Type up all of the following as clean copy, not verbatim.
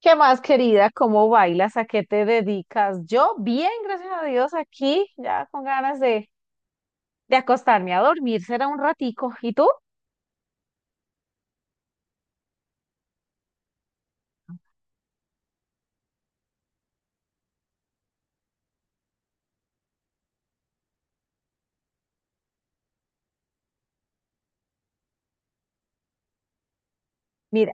¿Qué más, querida? ¿Cómo bailas? ¿A qué te dedicas? Yo bien, gracias a Dios, aquí ya con ganas de acostarme a dormir, será un ratico. ¿Y tú? Mira,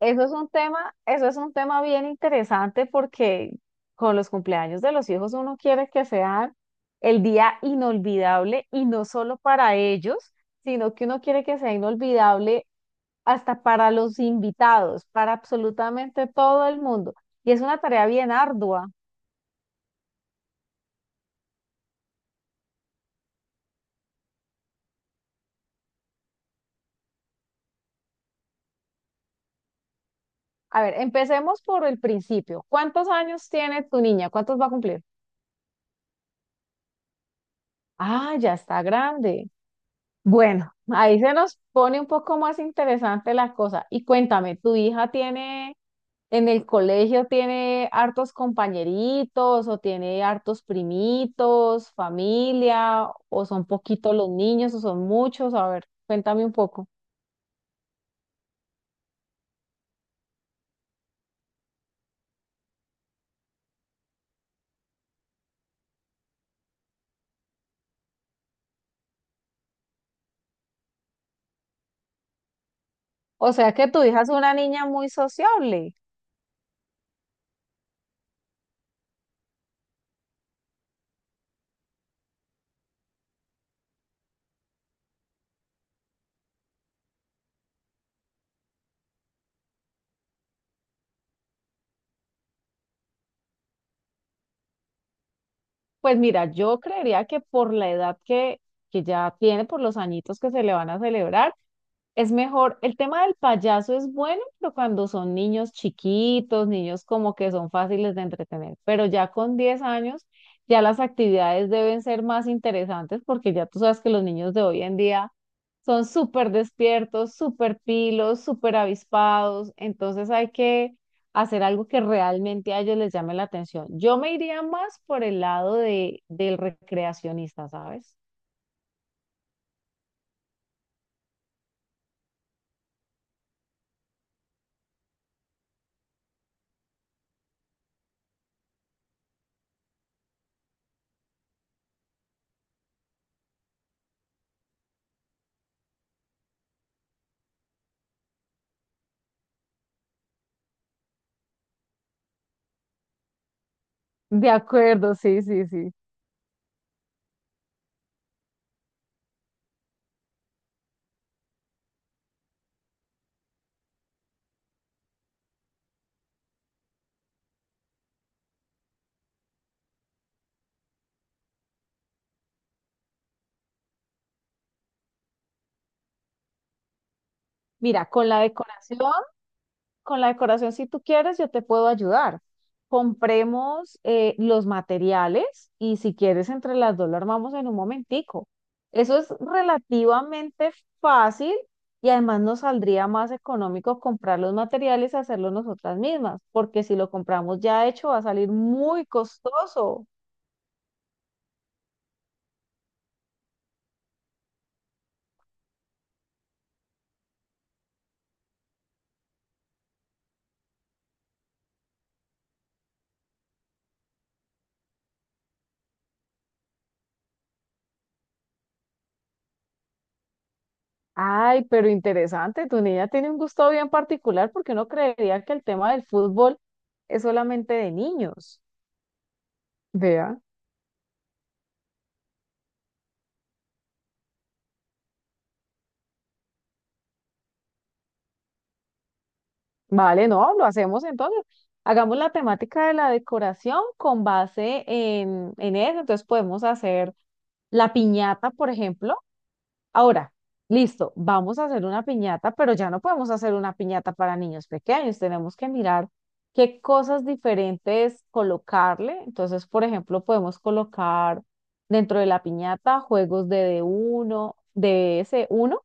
eso es un tema, eso es un tema bien interesante porque con los cumpleaños de los hijos uno quiere que sean el día inolvidable y no solo para ellos, sino que uno quiere que sea inolvidable hasta para los invitados, para absolutamente todo el mundo. Y es una tarea bien ardua. A ver, empecemos por el principio. ¿Cuántos años tiene tu niña? ¿Cuántos va a cumplir? Ah, ya está grande. Bueno, ahí se nos pone un poco más interesante la cosa. Y cuéntame, ¿tu hija tiene en el colegio, tiene hartos compañeritos o tiene hartos primitos, familia, o son poquitos los niños o son muchos? A ver, cuéntame un poco. O sea que tu hija es una niña muy sociable. Pues mira, yo creería que por la edad que ya tiene, por los añitos que se le van a celebrar, es mejor, el tema del payaso es bueno, pero cuando son niños chiquitos, niños como que son fáciles de entretener, pero ya con 10 años, ya las actividades deben ser más interesantes porque ya tú sabes que los niños de hoy en día son súper despiertos, súper pilos, súper avispados, entonces hay que hacer algo que realmente a ellos les llame la atención. Yo me iría más por el lado de, del recreacionista, ¿sabes? De acuerdo, sí, sí, sí. Mira, con la decoración. Con la decoración, si tú quieres, yo te puedo ayudar. Compremos los materiales y si quieres, entre las dos lo armamos en un momentico. Eso es relativamente fácil y además nos saldría más económico comprar los materiales y hacerlo nosotras mismas, porque si lo compramos ya hecho va a salir muy costoso. Ay, pero interesante, tu niña tiene un gusto bien particular porque uno creería que el tema del fútbol es solamente de niños. Vea. Vale, no, lo hacemos entonces. Hagamos la temática de la decoración con base en eso. Entonces podemos hacer la piñata, por ejemplo. Ahora, listo, vamos a hacer una piñata, pero ya no podemos hacer una piñata para niños pequeños. Tenemos que mirar qué cosas diferentes colocarle. Entonces, por ejemplo, podemos colocar dentro de la piñata juegos de d uno de ese uno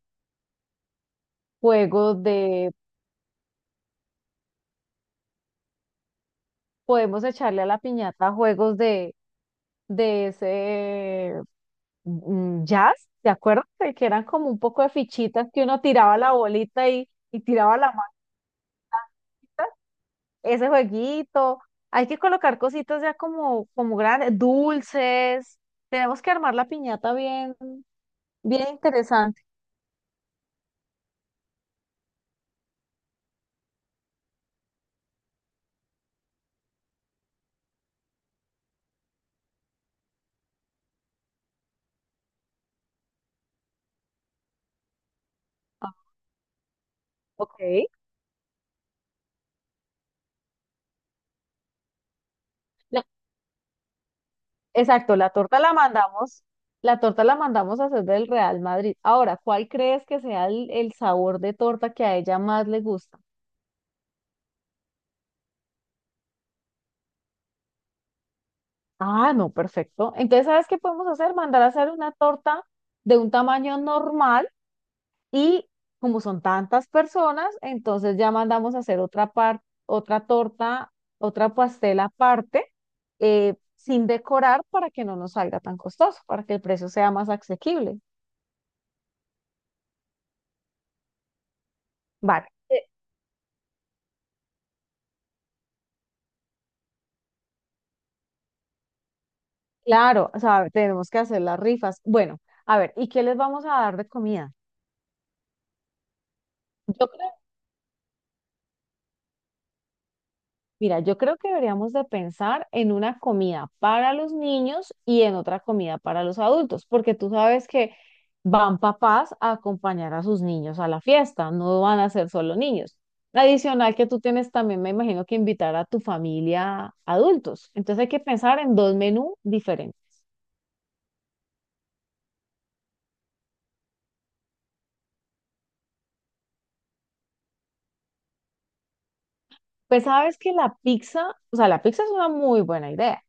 juegos de podemos echarle a la piñata juegos de ese jazz, ¿te acuerdas? Que eran como un poco de fichitas que uno tiraba la bolita y tiraba la maquita. Ese jueguito. Hay que colocar cositas ya como, como grandes, dulces. Tenemos que armar la piñata bien, bien interesante. Ah, ok. Exacto, la torta la mandamos, la torta la mandamos a hacer del Real Madrid. Ahora, ¿cuál crees que sea el sabor de torta que a ella más le gusta? Ah, no, perfecto. Entonces, ¿sabes qué podemos hacer? Mandar a hacer una torta de un tamaño normal y como son tantas personas, entonces ya mandamos a hacer otra torta, otra pastel aparte, sin decorar para que no nos salga tan costoso, para que el precio sea más asequible. Vale. Claro, o sea, tenemos que hacer las rifas. Bueno, a ver, ¿y qué les vamos a dar de comida? Yo creo, mira, yo creo que deberíamos de pensar en una comida para los niños y en otra comida para los adultos, porque tú sabes que van papás a acompañar a sus niños a la fiesta, no van a ser solo niños. Adicional que tú tienes también, me imagino que invitar a tu familia adultos. Entonces hay que pensar en 2 menús diferentes. Pues sabes que la pizza, o sea, la pizza es una muy buena idea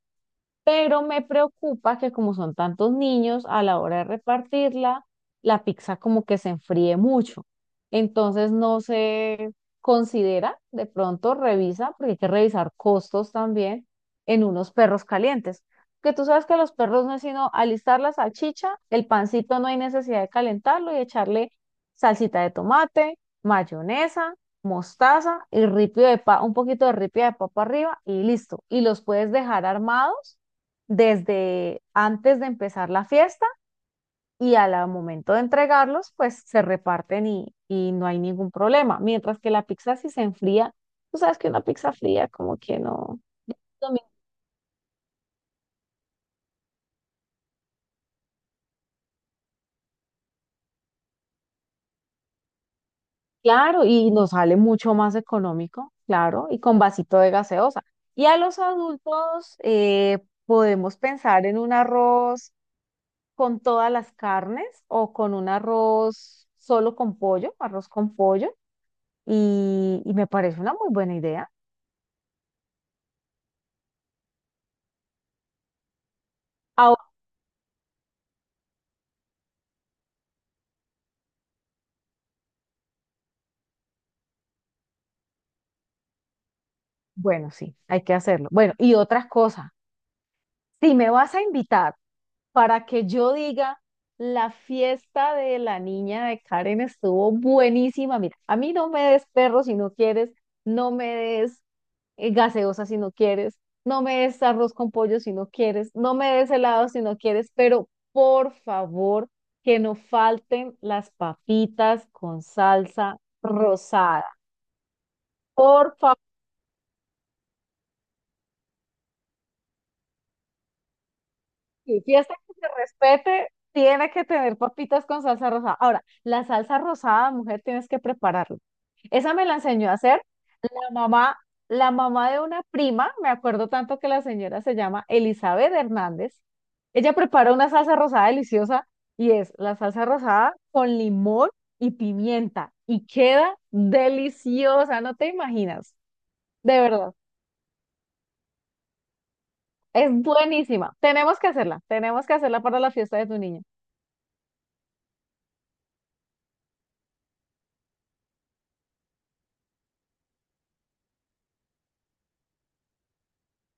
pero me preocupa que como son tantos niños, a la hora de repartirla, la pizza como que se enfríe mucho. Entonces no se considera, de pronto revisa, porque hay que revisar costos también en unos perros calientes. Que tú sabes que los perros no es sino alistar la salchicha, el pancito no hay necesidad de calentarlo y echarle salsita de tomate, mayonesa, mostaza y un poquito de ripio de papa arriba y listo. Y los puedes dejar armados desde antes de empezar la fiesta y al momento de entregarlos, pues se reparten y no hay ningún problema. Mientras que la pizza si se enfría, tú sabes que una pizza fría como que no, también, claro, y nos sale mucho más económico, claro, y con vasito de gaseosa. Y a los adultos podemos pensar en un arroz con todas las carnes o con un arroz solo con pollo, arroz con pollo, y me parece una muy buena idea. Bueno, sí, hay que hacerlo. Bueno, y otras cosas. Si me vas a invitar para que yo diga, la fiesta de la niña de Karen estuvo buenísima. Mira, a mí no me des perro si no quieres, no me des gaseosa si no quieres, no me des arroz con pollo si no quieres, no me des helado si no quieres, pero por favor que no falten las papitas con salsa rosada. Por favor. Y fiesta que se respete tiene que tener papitas con salsa rosada. Ahora, la salsa rosada, mujer, tienes que prepararla. Esa me la enseñó a hacer la mamá, la mamá de una prima, me acuerdo tanto que la señora se llama Elizabeth Hernández. Ella prepara una salsa rosada deliciosa y es la salsa rosada con limón y pimienta y queda deliciosa, no te imaginas, de verdad, es buenísima. Tenemos que hacerla para la fiesta de tu niño.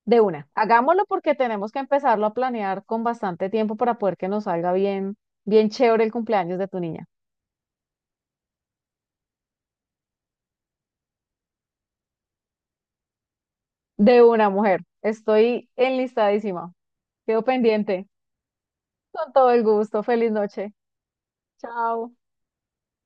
De una, hagámoslo porque tenemos que empezarlo a planear con bastante tiempo para poder que nos salga bien, bien chévere el cumpleaños de tu niña. De una, mujer. Estoy enlistadísima. Quedo pendiente. Con todo el gusto. Feliz noche. Chao.